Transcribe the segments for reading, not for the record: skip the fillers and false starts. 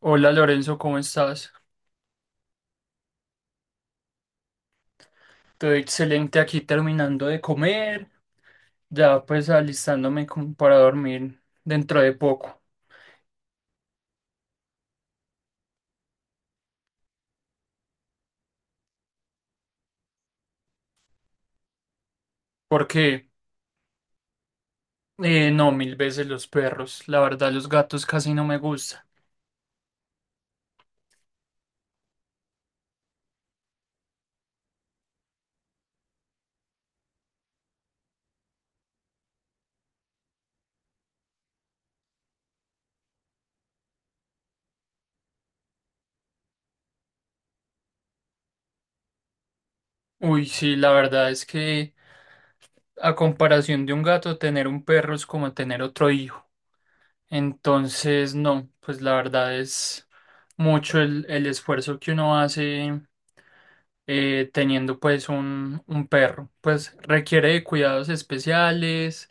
Hola Lorenzo, ¿cómo estás? Todo excelente aquí terminando de comer, ya pues alistándome como para dormir dentro de poco. Porque no, mil veces los perros, la verdad los gatos casi no me gustan. Uy, sí, la verdad es que a comparación de un gato, tener un perro es como tener otro hijo. Entonces, no, pues la verdad es mucho el esfuerzo que uno hace teniendo pues un perro. Pues requiere de cuidados especiales.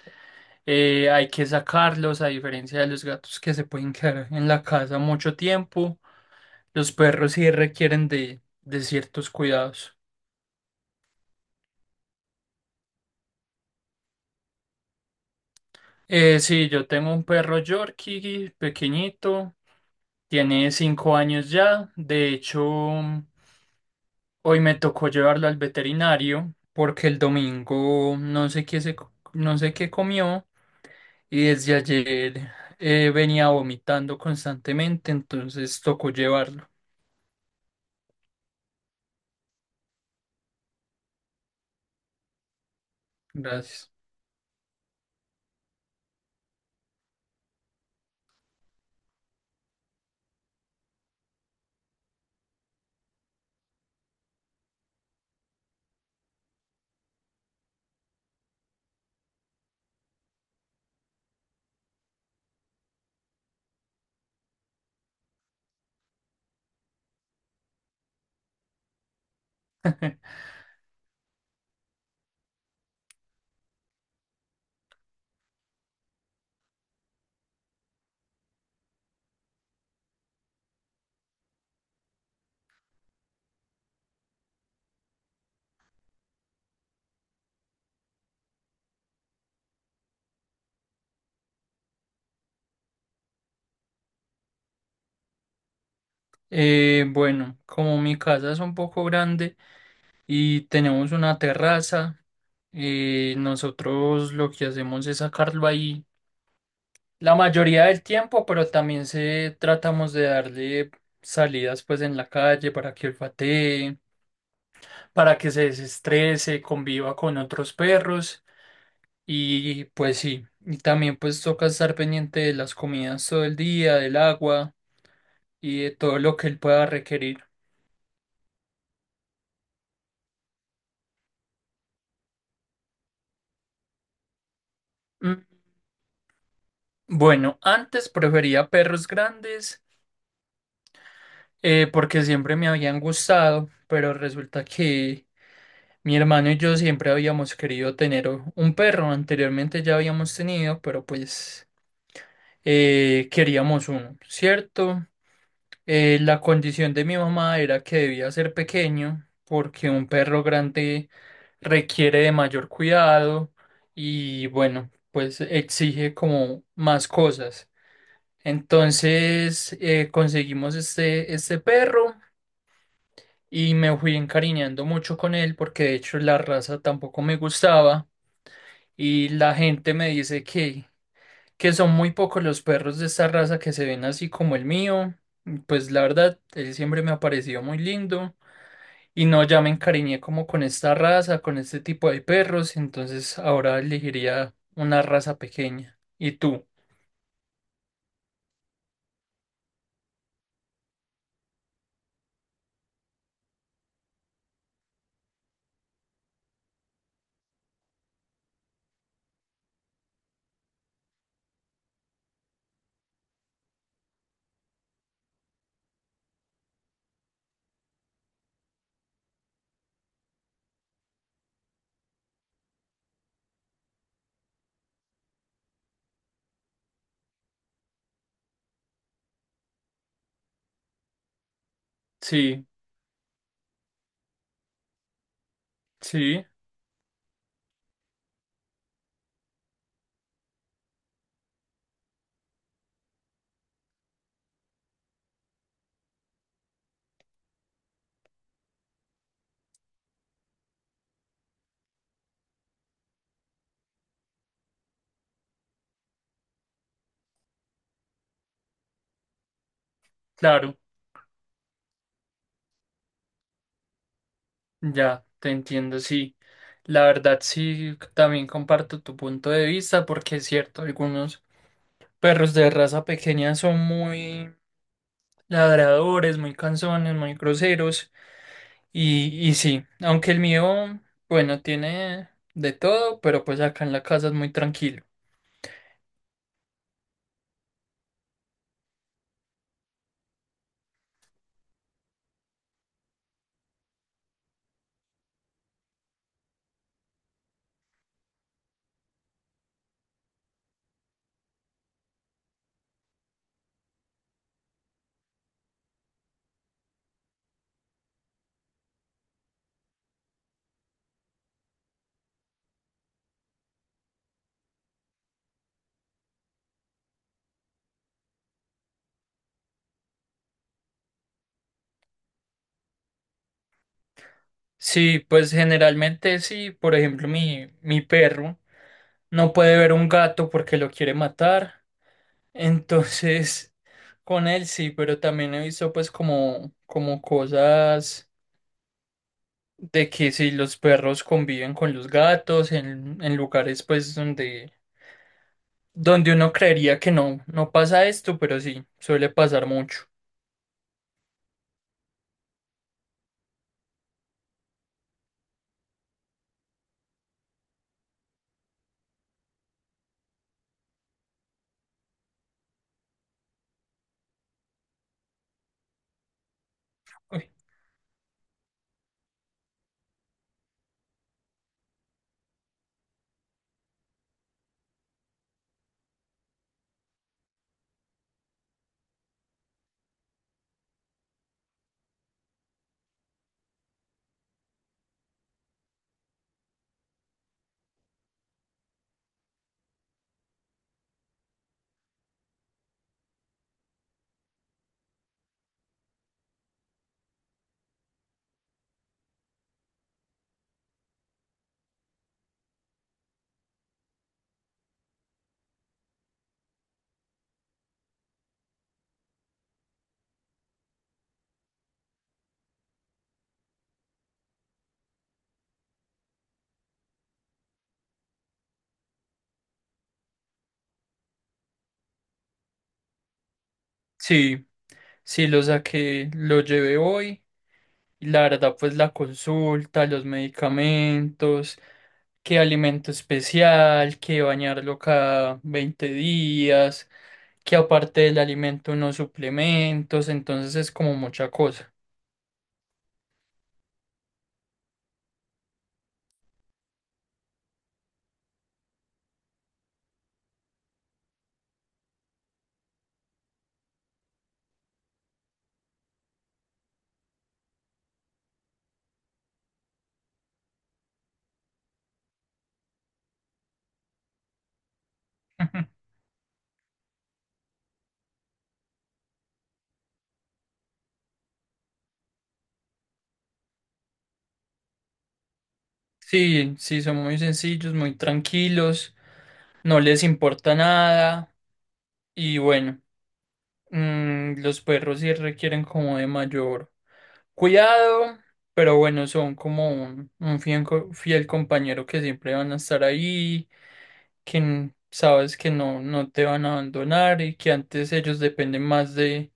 Hay que sacarlos a diferencia de los gatos que se pueden quedar en la casa mucho tiempo. Los perros sí requieren de ciertos cuidados. Sí, yo tengo un perro Yorkie pequeñito, tiene 5 años ya. De hecho, hoy me tocó llevarlo al veterinario porque el domingo no sé qué no sé qué comió. Y desde ayer venía vomitando constantemente, entonces tocó llevarlo. Gracias. Bueno, como mi casa es un poco grande y tenemos una terraza, nosotros lo que hacemos es sacarlo ahí la mayoría del tiempo, pero también se tratamos de darle salidas pues en la calle para que olfatee, para que se desestrese, conviva con otros perros. Y pues sí, y también pues toca estar pendiente de las comidas todo el día, del agua y de todo lo que él pueda requerir. Mm, Bueno, antes prefería perros grandes porque siempre me habían gustado, pero resulta que mi hermano y yo siempre habíamos querido tener un perro. Anteriormente ya habíamos tenido, pero pues queríamos uno, ¿cierto? La condición de mi mamá era que debía ser pequeño porque un perro grande requiere de mayor cuidado y bueno, pues exige como más cosas. Entonces conseguimos este perro y me fui encariñando mucho con él porque de hecho la raza tampoco me gustaba, y la gente me dice que son muy pocos los perros de esta raza que se ven así como el mío. Pues la verdad, él siempre me ha parecido muy lindo y no, ya me encariñé como con esta raza, con este tipo de perros, entonces ahora elegiría una raza pequeña. ¿Y tú? Sí, sí, claro, ya, te entiendo, sí. La verdad, sí, también comparto tu punto de vista porque es cierto, algunos perros de raza pequeña son muy ladradores, muy cansones, muy groseros. Y sí, aunque el mío, bueno, tiene de todo, pero pues acá en la casa es muy tranquilo. Sí, pues generalmente sí, por ejemplo, mi perro no puede ver un gato porque lo quiere matar. Entonces, con él sí, pero también he visto pues como, como cosas de que si los perros conviven con los gatos en lugares pues donde, donde uno creería que no, no pasa esto, pero sí, suele pasar mucho. Sí, sí, lo saqué, lo llevé hoy. Y la verdad, pues la consulta, los medicamentos, qué alimento especial, qué bañarlo cada 20 días, que aparte del alimento unos suplementos, entonces es como mucha cosa. Ujú. Sí, sí, son muy sencillos, muy tranquilos, no les importa nada y bueno, los perros sí requieren como de mayor cuidado, pero bueno, son como un fiel, fiel compañero que siempre van a estar ahí, que sabes que no, no te van a abandonar y que antes ellos dependen más de...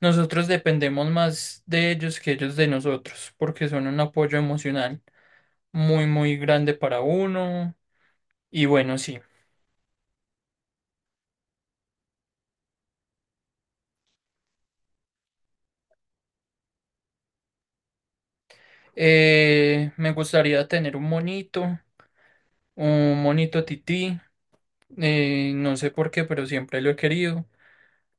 Nosotros dependemos más de ellos que ellos de nosotros, porque son un apoyo emocional muy, muy grande para uno. Y bueno, sí. Me gustaría tener un monito tití. No sé por qué, pero siempre lo he querido.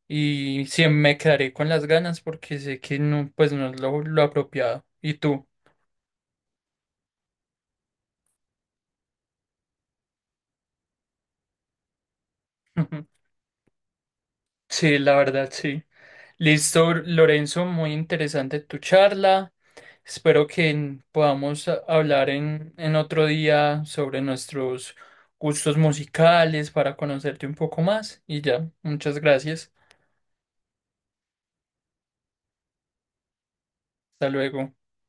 Y siempre me quedaré con las ganas porque sé que no, pues no es lo apropiado. ¿Y tú? Sí, la verdad, sí. Listo, Lorenzo, muy interesante tu charla. Espero que podamos hablar en otro día sobre nuestros gustos musicales para conocerte un poco más. Y ya, muchas gracias. Hasta luego.